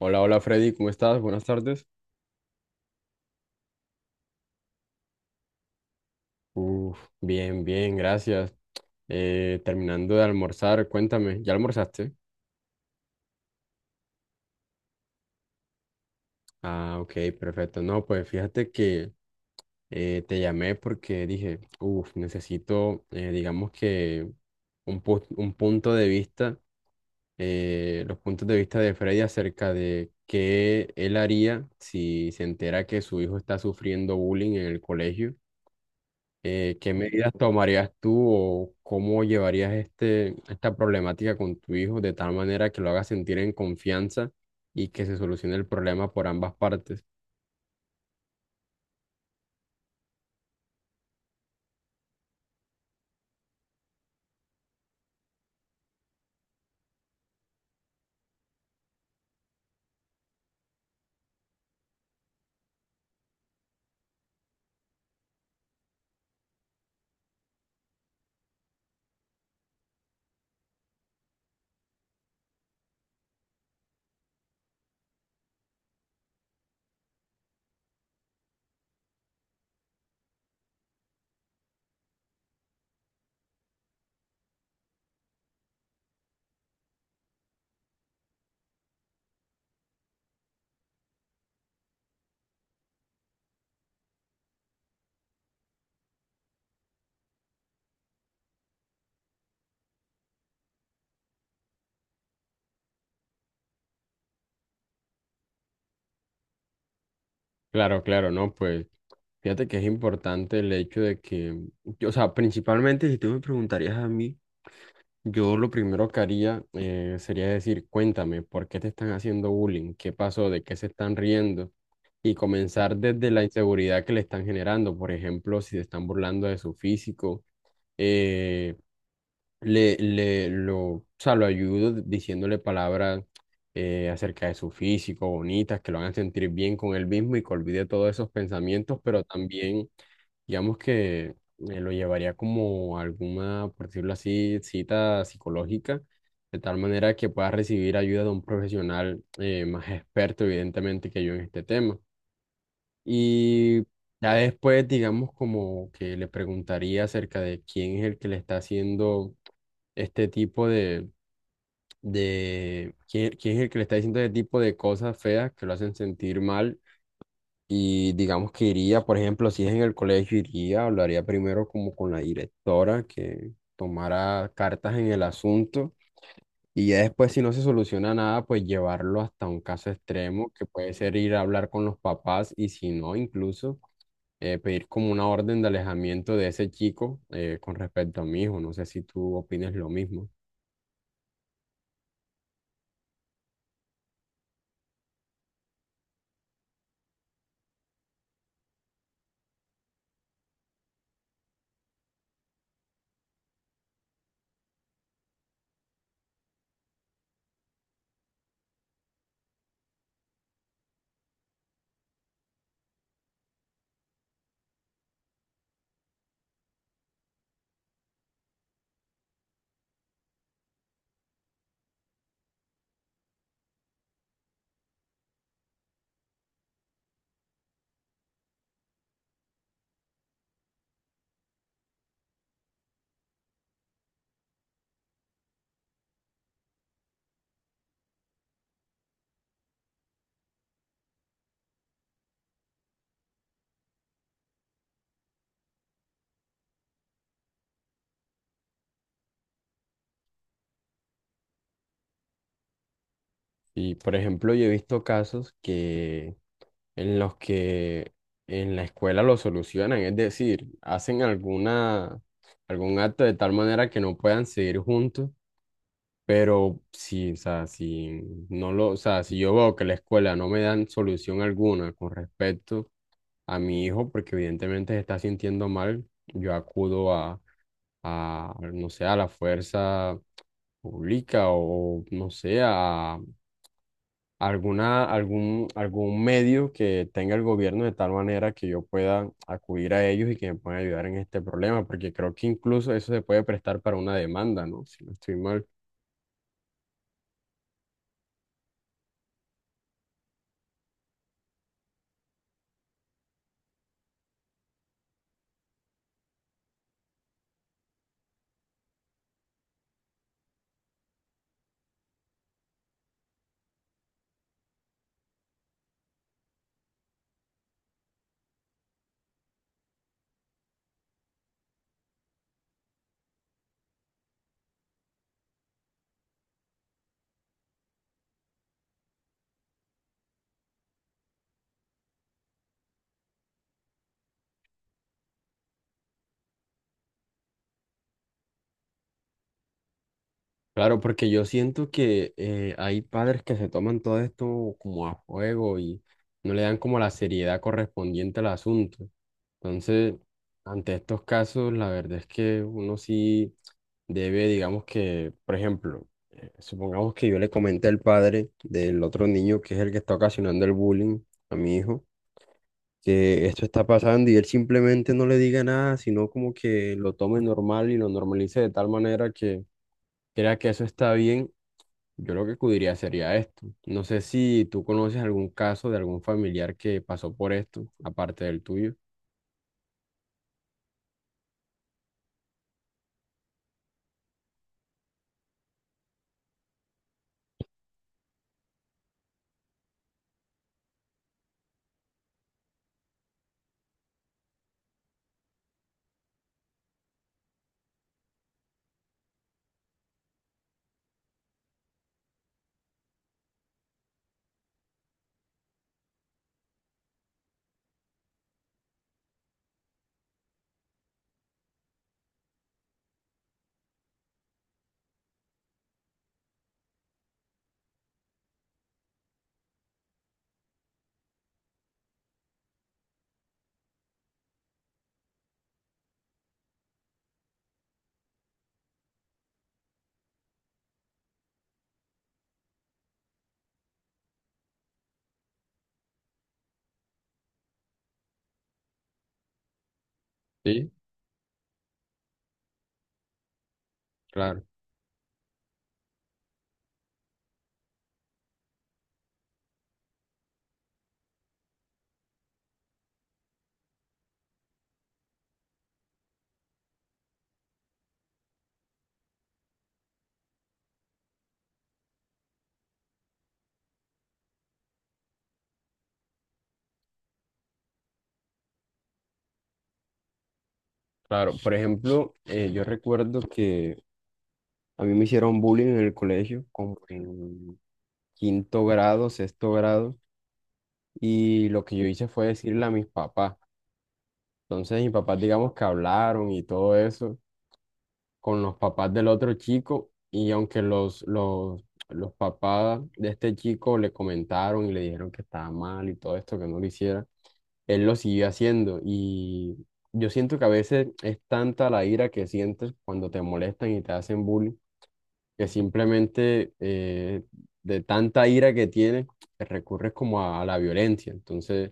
Hola, hola Freddy, ¿cómo estás? Buenas tardes. Uf, bien, bien, gracias. Terminando de almorzar, cuéntame, ¿ya almorzaste? Ah, ok, perfecto. No, pues fíjate que te llamé porque dije, uf, necesito, digamos que un punto de vista, los puntos de vista de Freddy acerca de qué él haría si se entera que su hijo está sufriendo bullying en el colegio. ¿Qué medidas tomarías tú o cómo llevarías esta problemática con tu hijo de tal manera que lo hagas sentir en confianza y que se solucione el problema por ambas partes? Claro, claro, ¿no? Pues fíjate que es importante el hecho de que yo, o sea, principalmente, si tú me preguntarías a mí, yo lo primero que haría, sería decir, cuéntame, ¿por qué te están haciendo bullying? ¿Qué pasó? ¿De qué se están riendo? Y comenzar desde la inseguridad que le están generando. Por ejemplo, si se están burlando de su físico, eh, o sea, lo ayudo diciéndole palabras acerca de su físico, bonitas, que lo hagan sentir bien con él mismo y que olvide todos esos pensamientos, pero también... Digamos que lo llevaría como a alguna, por decirlo así, cita psicológica, de tal manera que pueda recibir ayuda de un profesional más experto, evidentemente, que yo en este tema. Y ya después, digamos, como que le preguntaría acerca de quién es el que le está haciendo este tipo de, quién es el que le está diciendo este tipo de cosas feas que lo hacen sentir mal, y digamos que iría, por ejemplo, si es en el colegio, iría, hablaría primero como con la directora, que tomara cartas en el asunto, y ya después, si no se soluciona nada, pues llevarlo hasta un caso extremo, que puede ser ir a hablar con los papás y, si no, incluso, pedir como una orden de alejamiento de ese chico con respecto a mi hijo. No sé si tú opinas lo mismo. Y, por ejemplo, yo he visto casos que en los que en la escuela lo solucionan, es decir, hacen algún acto de tal manera que no puedan seguir juntos, pero si, o sea, o sea, si yo veo que la escuela no me dan solución alguna con respecto a mi hijo, porque evidentemente se está sintiendo mal, yo acudo a, no sé, a la fuerza pública o, no sé, a algún medio que tenga el gobierno, de tal manera que yo pueda acudir a ellos y que me puedan ayudar en este problema, porque creo que incluso eso se puede prestar para una demanda, ¿no? Si no estoy mal. Claro, porque yo siento que, hay padres que se toman todo esto como a juego y no le dan como la seriedad correspondiente al asunto. Entonces, ante estos casos, la verdad es que uno sí debe, digamos que, por ejemplo, supongamos que yo le comenté al padre del otro niño, que es el que está ocasionando el bullying a mi hijo, que esto está pasando, y él simplemente no le diga nada, sino como que lo tome normal y lo normalice de tal manera que crea que eso está bien, yo lo que acudiría sería esto. No sé si tú conoces algún caso de algún familiar que pasó por esto, aparte del tuyo. Sí, claro, claro. Por ejemplo, yo recuerdo que a mí me hicieron bullying en el colegio, como en quinto grado, sexto grado, y lo que yo hice fue decirle a mis papás. Entonces mis papás, digamos que hablaron y todo eso, con los papás del otro chico, y aunque los papás de este chico le comentaron y le dijeron que estaba mal y todo esto, que no lo hiciera, él lo siguió haciendo. Y yo siento que a veces es tanta la ira que sientes cuando te molestan y te hacen bullying, que simplemente, de tanta ira que tienes, recurres como a la violencia. Entonces,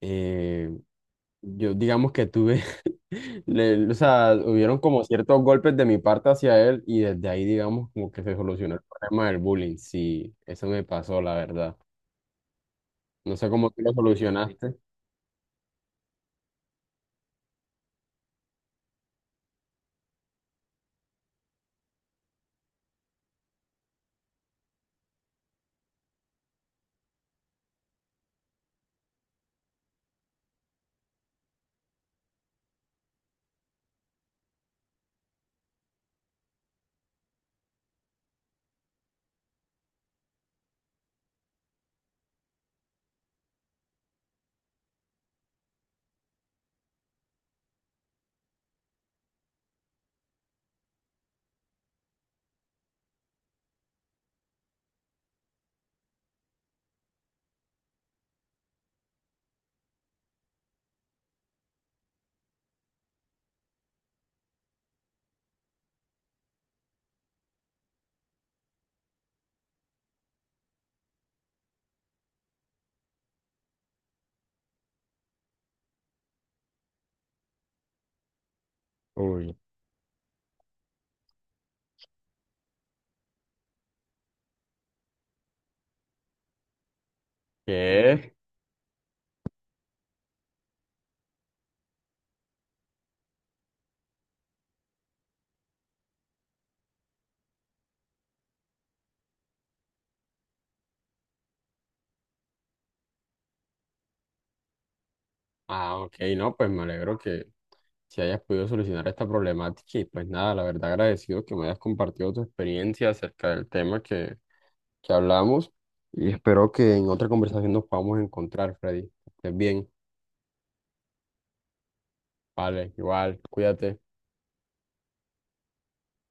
eh, yo digamos que tuve o sea, hubieron como ciertos golpes de mi parte hacia él, y desde ahí, digamos, como que se solucionó el problema del bullying. Sí, eso me pasó, la verdad. No sé cómo tú lo solucionaste. Uy. ¿Qué? Ah, ok, no, pues me alegro que si hayas podido solucionar esta problemática, y pues nada, la verdad agradecido que me hayas compartido tu experiencia acerca del tema que hablamos, y espero que en otra conversación nos podamos encontrar, Freddy. Que estés bien, vale, igual, cuídate.